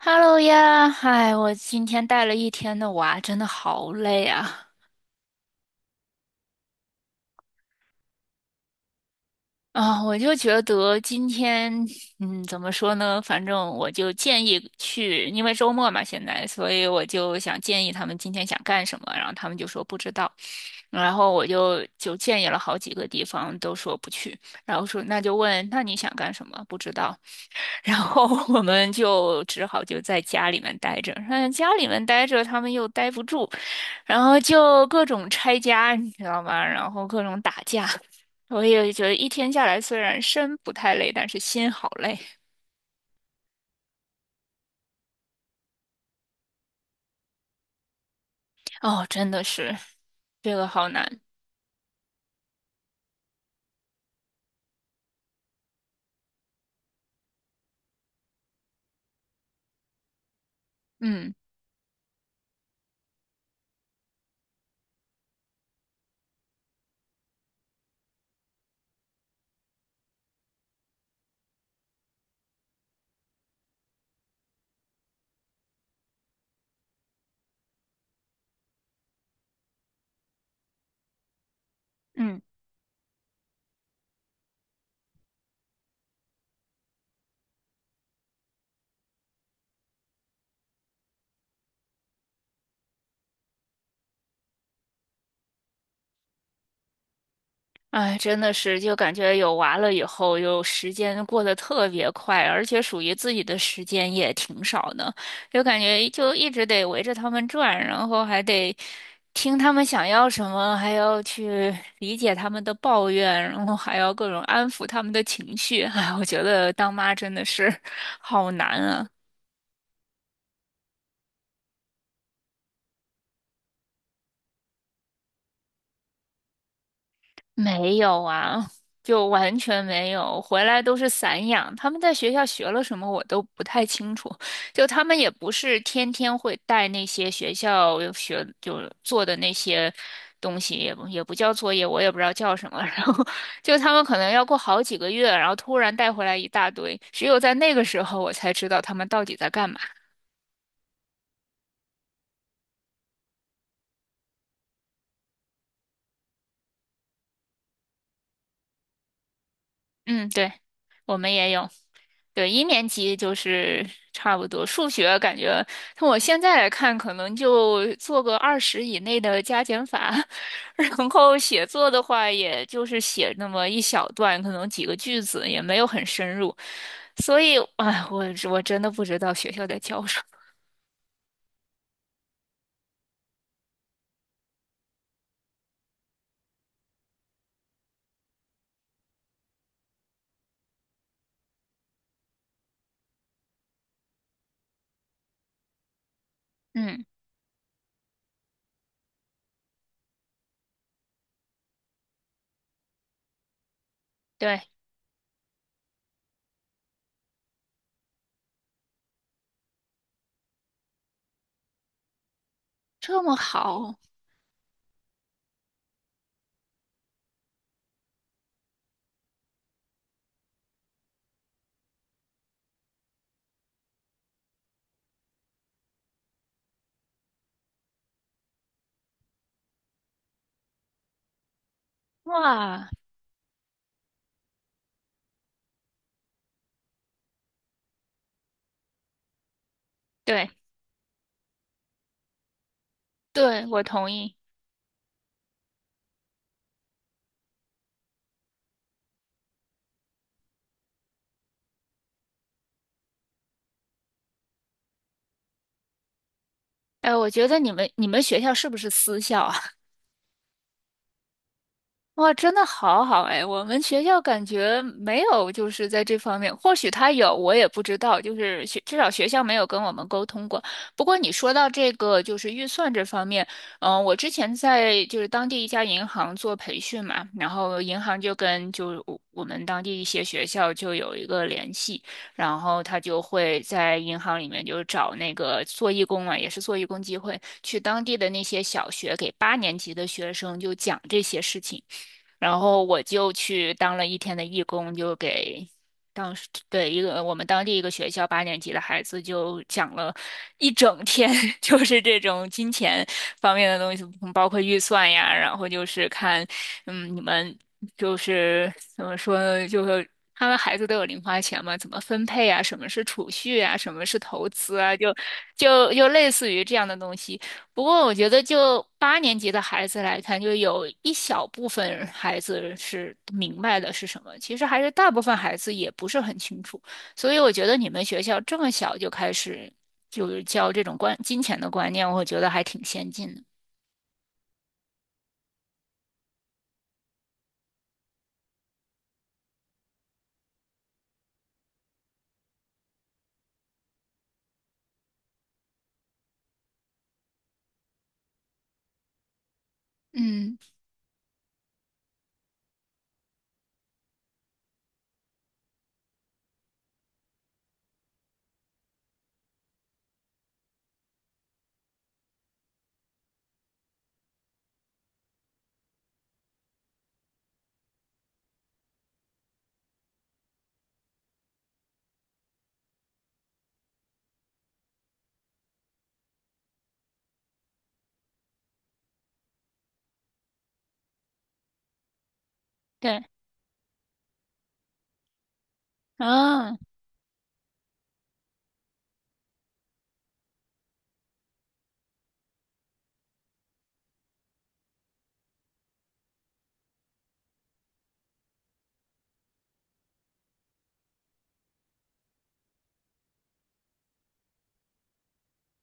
Hello 呀，嗨，我今天带了一天的娃，真的好累啊！啊，我就觉得今天，怎么说呢？反正我就建议去，因为周末嘛，现在，所以我就想建议他们今天想干什么，然后他们就说不知道，然后我就建议了好几个地方，都说不去，然后说那就问，那你想干什么？不知道，然后 我们就只好就在家里面待着，家里面待着，他们又待不住。然后就各种拆家，你知道吗？然后各种打架。我也觉得一天下来，虽然身不太累，但是心好累。哦，真的是，这个好难。嗯嗯。哎，真的是，就感觉有娃了以后，有时间过得特别快，而且属于自己的时间也挺少的，就感觉就一直得围着他们转，然后还得听他们想要什么，还要去理解他们的抱怨，然后还要各种安抚他们的情绪。哎，我觉得当妈真的是 好难啊。没有啊，就完全没有，回来都是散养。他们在学校学了什么，我都不太清楚。就他们也不是天天会带那些学校学就做的那些东西，也不叫作业，我也不知道叫什么。然后就他们可能要过好几个月，然后突然带回来一大堆，只有在那个时候我才知道他们到底在干嘛。嗯，对，我们也有。对，一年级就是差不多。数学感觉，从我现在来看，可能就做个二十以内的加减法，然后写作的话，也就是写那么一小段，可能几个句子，也没有很深入。所以，哎，我真的不知道学校在教什么。嗯，对，这么好，哇，对对，我同意。哎，我觉得你们学校是不是私校啊？哇，真的好好哎！我们学校感觉没有，就是在这方面，或许他有，我也不知道。就是学，至少学校没有跟我们沟通过。不过你说到这个，就是预算这方面，我之前在就是当地一家银行做培训嘛，然后银行就跟我们当地一些学校就有一个联系，然后他就会在银行里面就找那个做义工嘛，也是做义工机会，去当地的那些小学给八年级的学生就讲这些事情。然后我就去当了一天的义工，就给当时对一个我们当地一个学校八年级的孩子就讲了一整天，就是这种金钱方面的东西，包括预算呀，然后就是看，你们就是怎么说呢，就是他们孩子都有零花钱嘛，怎么分配啊？什么是储蓄啊？什么是投资啊？就类似于这样的东西。不过我觉得，就八年级的孩子来看，就有一小部分孩子是明白的是什么，其实还是大部分孩子也不是很清楚。所以我觉得你们学校这么小就开始就是教这种观金钱的观念，我觉得还挺先进的。嗯，对，啊。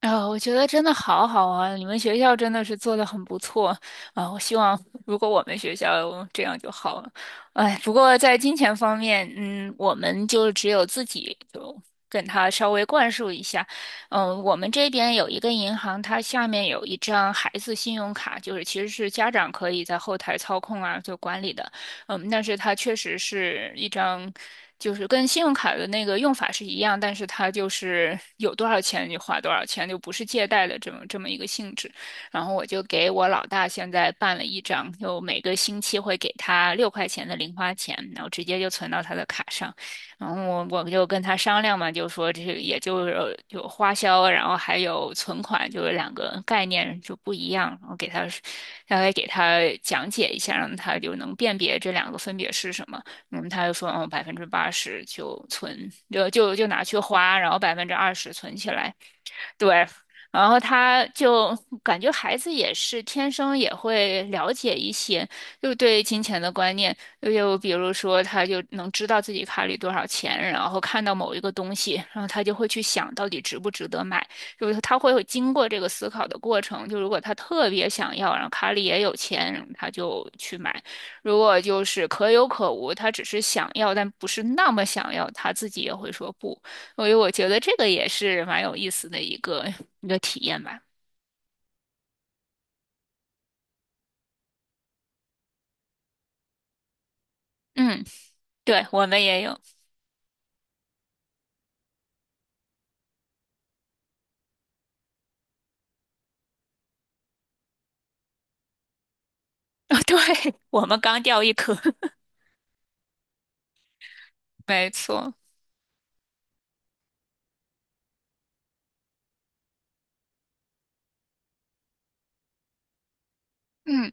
啊、我觉得真的好好啊！你们学校真的是做的很不错啊！我希望如果我们学校这样就好了。哎，不过在金钱方面，我们就只有自己就跟他稍微灌输一下。我们这边有一个银行，它下面有一张孩子信用卡，就是其实是家长可以在后台操控啊，就管理的。但是它确实是一张，就是跟信用卡的那个用法是一样，但是它就是有多少钱你就花多少钱，就不是借贷的这么一个性质。然后我就给我老大现在办了一张，就每个星期会给他6块钱的零花钱，然后直接就存到他的卡上。然后我就跟他商量嘛，就说这也就是有花销，然后还有存款，就是两个概念就不一样。然后大概给他讲解一下，让他就能辨别这两个分别是什么。他就说，80%就存，就拿去花，然后20%存起来。对，然后他就感觉孩子也是天生也会了解一些，就对金钱的观念，就比如说他就能知道自己卡里多少钱，然后看到某一个东西，然后他就会去想到底值不值得买，就是他会有经过这个思考的过程。就如果他特别想要，然后卡里也有钱，他就去买；如果就是可有可无，他只是想要但不是那么想要，他自己也会说不。所以我觉得这个也是蛮有意思的一个体验吧。嗯，对，我们也有，哦，对，我们刚掉一颗，没错。嗯，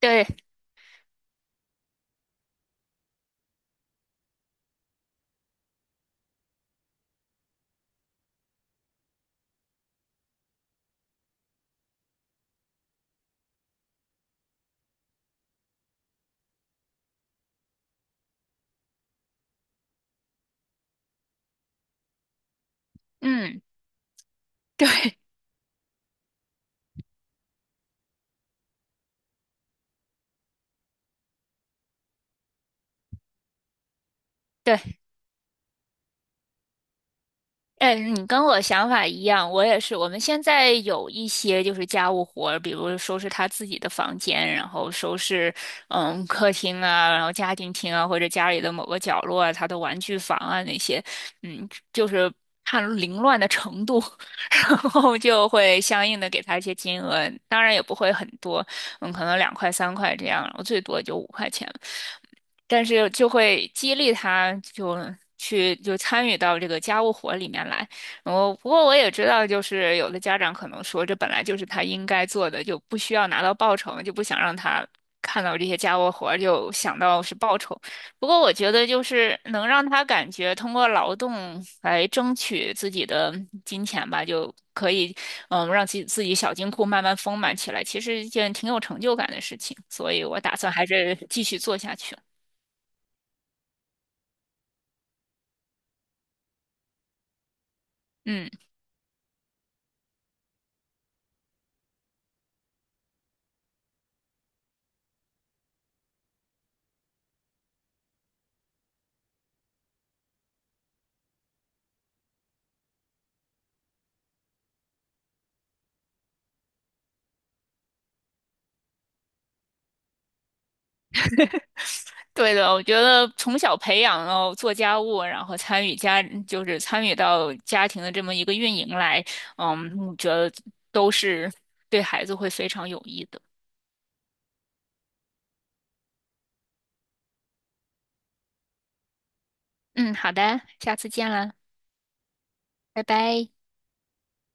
对，嗯，对，对，哎，你跟我想法一样，我也是。我们现在有一些就是家务活儿比如收拾他自己的房间，然后收拾客厅啊，然后家庭厅啊，或者家里的某个角落啊，他的玩具房啊那些，就是看凌乱的程度，然后就会相应的给他一些金额，当然也不会很多，可能2块3块这样，然后最多也就5块钱。但是就会激励他就去就参与到这个家务活里面来。然后，不过我也知道，就是有的家长可能说，这本来就是他应该做的，就不需要拿到报酬，就不想让他看到这些家务活，就想到是报酬。不过我觉得，就是能让他感觉通过劳动来争取自己的金钱吧，就可以让自己小金库慢慢丰满起来，其实是一件挺有成就感的事情。所以我打算还是继续做下去。嗯，对的，我觉得从小培养，哦做家务，然后参与家，就是参与到家庭的这么一个运营来，我觉得都是对孩子会非常有益的。嗯，好的，下次见了，拜拜。